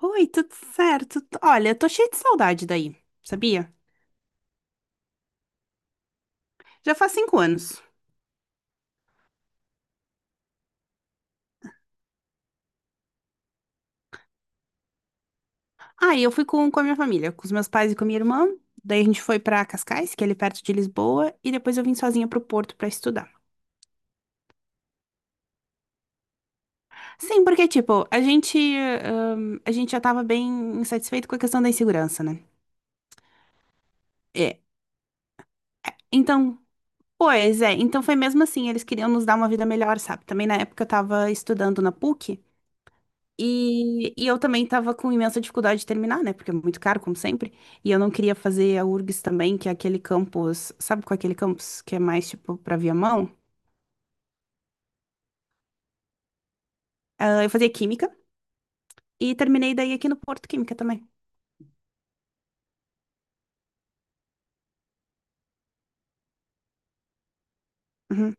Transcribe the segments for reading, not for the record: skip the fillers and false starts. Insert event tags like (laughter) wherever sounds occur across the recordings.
Oi, tudo certo? Olha, tô cheia de saudade daí, sabia? Já faz 5 anos. Aí eu fui com a minha família, com os meus pais e com a minha irmã. Daí a gente foi pra Cascais, que é ali perto de Lisboa, e depois eu vim sozinha pro Porto pra estudar. Sim, porque, tipo, a gente já tava bem insatisfeito com a questão da insegurança, né? É. Então, pois é, então foi mesmo assim, eles queriam nos dar uma vida melhor, sabe? Também na época eu tava estudando na PUC. E eu também estava com imensa dificuldade de terminar, né? Porque é muito caro, como sempre. E eu não queria fazer a URGS também, que é aquele campus, sabe qual é aquele campus que é mais tipo para Viamão? Mão Ah, eu fazia Química e terminei daí aqui no Porto Química também. Uhum.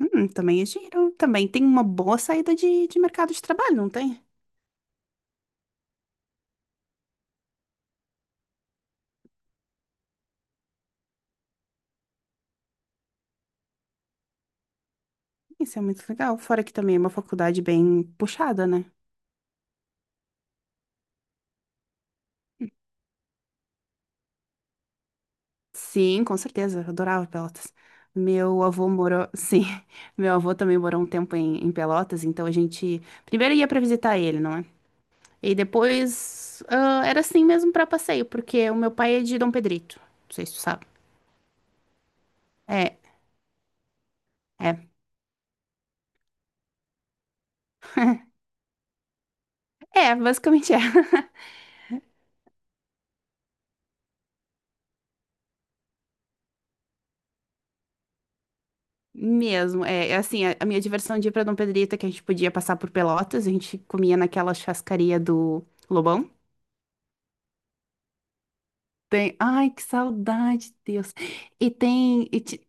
Também é giro, também tem uma boa saída de mercado de trabalho, não tem? Isso é muito legal. Fora que também é uma faculdade bem puxada, né? Sim, com certeza, eu adorava Pelotas. Meu avô morou, (laughs) sim, meu avô também morou um tempo em Pelotas, então a gente primeiro ia para visitar ele, não é? E depois ah, era assim mesmo para passeio, porque o meu pai é de Dom Pedrito, não sei se tu sabe. É, é, é, basicamente é. (laughs) Mesmo, é assim, a minha diversão de ir para Dom Pedrito é que a gente podia passar por Pelotas, a gente comia naquela churrascaria do Lobão. Tem, ai, que saudade, Deus. E tem.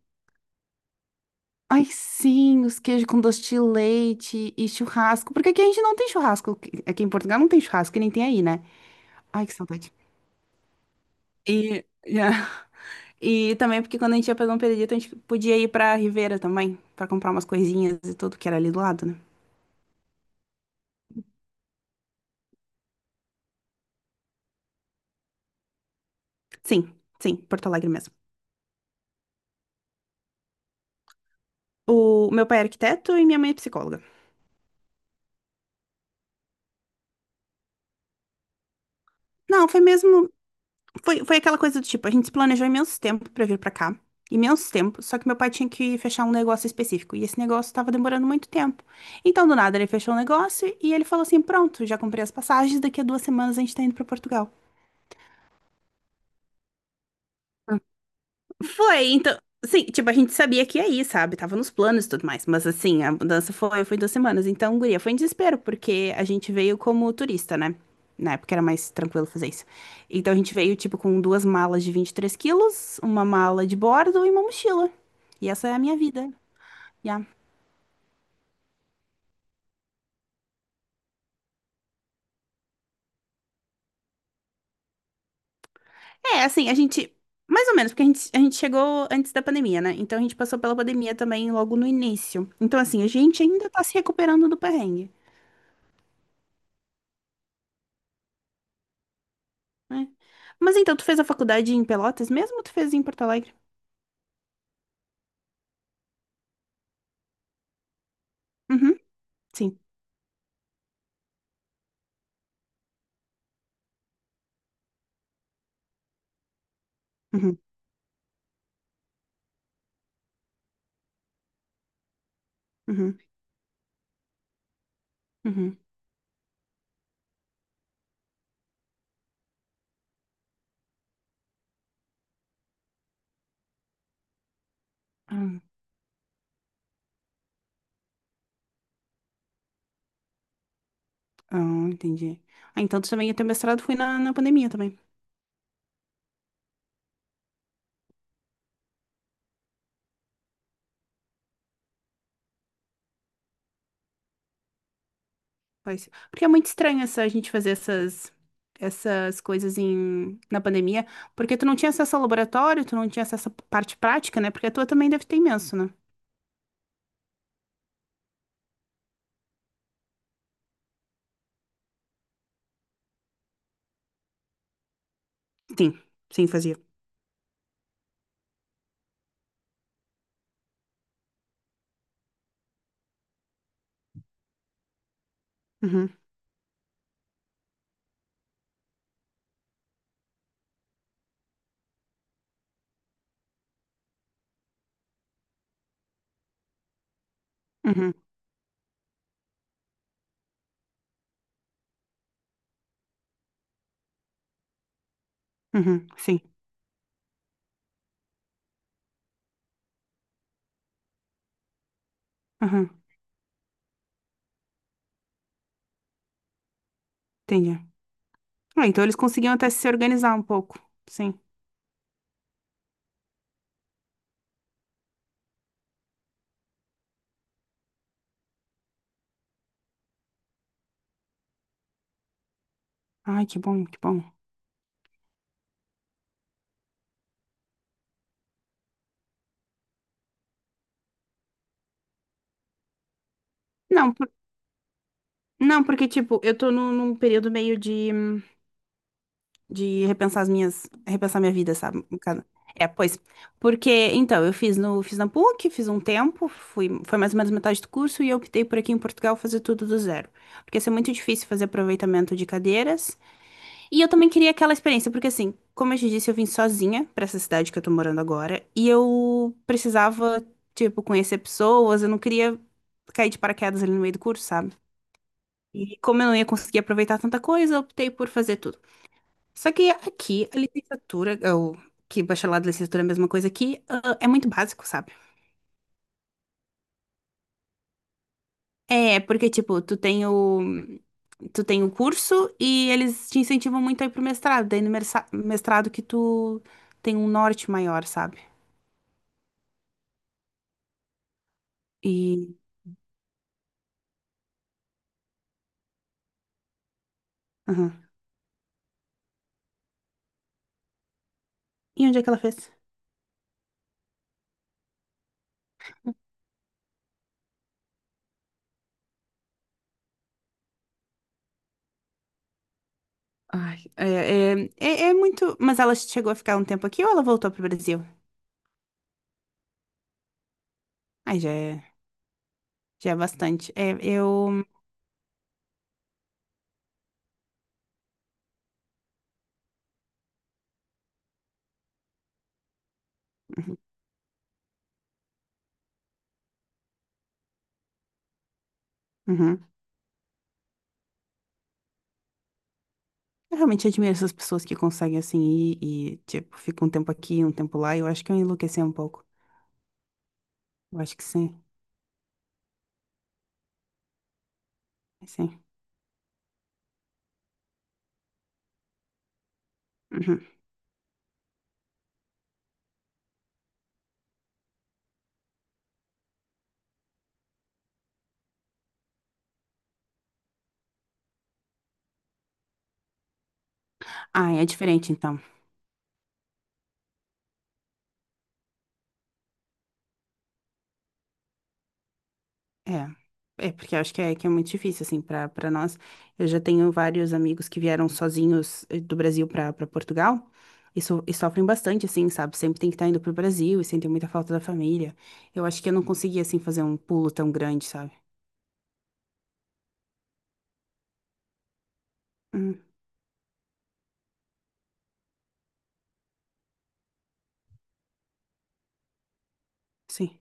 Ai, sim, os queijos com doce de leite e churrasco. Porque aqui a gente não tem churrasco. Aqui em Portugal não tem churrasco, que nem tem aí, né? Ai, que saudade. E, (laughs) e também porque quando a gente ia pra um Pedrito, a gente podia ir pra Ribeira também, pra comprar umas coisinhas e tudo que era ali do lado, né? Sim, sim, Porto Alegre mesmo. O meu pai é arquiteto e minha mãe é psicóloga. Não, foi mesmo. Foi aquela coisa do tipo, a gente se planejou imenso tempo pra vir pra cá. Imenso tempo. Só que meu pai tinha que fechar um negócio específico. E esse negócio tava demorando muito tempo. Então, do nada, ele fechou o negócio e ele falou assim: Pronto, já comprei as passagens. Daqui a 2 semanas a gente tá indo pra Portugal. Foi, então. Sim, tipo, a gente sabia que ia ir, sabe? Tava nos planos e tudo mais. Mas assim, a mudança foi 2 semanas. Então, guria, foi em desespero, porque a gente veio como turista, né? Na época era mais tranquilo fazer isso. Então a gente veio, tipo, com duas malas de 23 quilos, uma mala de bordo e uma mochila. E essa é a minha vida. Já É, assim, a gente. Mais ou menos, porque a gente chegou antes da pandemia, né? Então a gente passou pela pandemia também logo no início. Então, assim, a gente ainda tá se recuperando do perrengue. É. Mas então, tu fez a faculdade em Pelotas mesmo ou tu fez em Porto Alegre? Uhum, sim. Uhum, uhum, uhum. Ah, ah, entendi. Ah, então tu também, o teu mestrado foi na pandemia também. Pois Porque é muito estranho essa, a gente fazer essas coisas na pandemia, porque tu não tinha acesso ao laboratório, tu não tinha acesso à parte prática, né? Porque a tua também deve ter imenso, né? Sim, sim, fazia. Uhum, uhum, uhum, sim. Uhum, entendi. Ah, então eles conseguiam até se organizar um pouco. Sim. Ai, que bom, que bom. Não, não, porque, tipo, eu tô num período meio de repensar repensar minha vida, sabe? Um bocado. É, pois, porque, então, eu fiz no, fiz na PUC, fiz um tempo, fui, foi mais ou menos metade do curso e eu optei por aqui em Portugal fazer tudo do zero, porque ia ser muito difícil fazer aproveitamento de cadeiras, e eu também queria aquela experiência, porque assim, como eu te disse, eu vim sozinha pra essa cidade que eu tô morando agora, e eu precisava, tipo, conhecer pessoas, eu não queria cair de paraquedas ali no meio do curso, sabe? E como eu não ia conseguir aproveitar tanta coisa, eu optei por fazer tudo. Só que aqui, a licenciatura, ou que bacharelado e licenciatura é a mesma coisa aqui, ah, é muito básico, sabe? É, porque, tipo, tu tem o curso e eles te incentivam muito a ir pro mestrado. Daí no mestrado que tu tem um norte maior, sabe? E, aham. E onde é que ela fez? Ai, é, é, é, é muito. Mas ela chegou a ficar um tempo aqui ou ela voltou pro Brasil? Ai, já é bastante. É, eu. Uhum. Eu realmente admiro essas pessoas que conseguem assim ir e, tipo, fica um tempo aqui, um tempo lá. Eu acho que eu enlouqueci um pouco. Eu acho que sim, sim. Uhum. Ah, é diferente então. É. É, porque eu acho que é muito difícil, assim, para nós. Eu já tenho vários amigos que vieram sozinhos do Brasil para Portugal e, e sofrem bastante, assim, sabe? Sempre tem que estar indo pro Brasil e sentem muita falta da família. Eu acho que eu não conseguia assim, fazer um pulo tão grande, sabe? Uhum. Sim.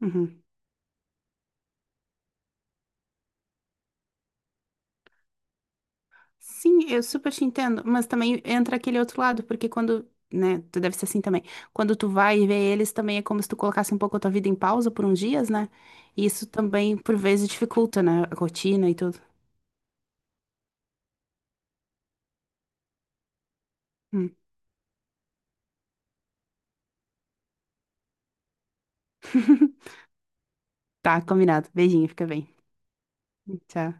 Uhum. Sim, eu super te entendo, mas também entra aquele outro lado, porque quando, né, tu deve ser assim também, quando tu vai ver eles, também é como se tu colocasse um pouco a tua vida em pausa por uns dias, né? E isso também, por vezes, dificulta, né, a rotina e tudo. Hum. (laughs) Tá, combinado. Beijinho, fica bem. Tchau.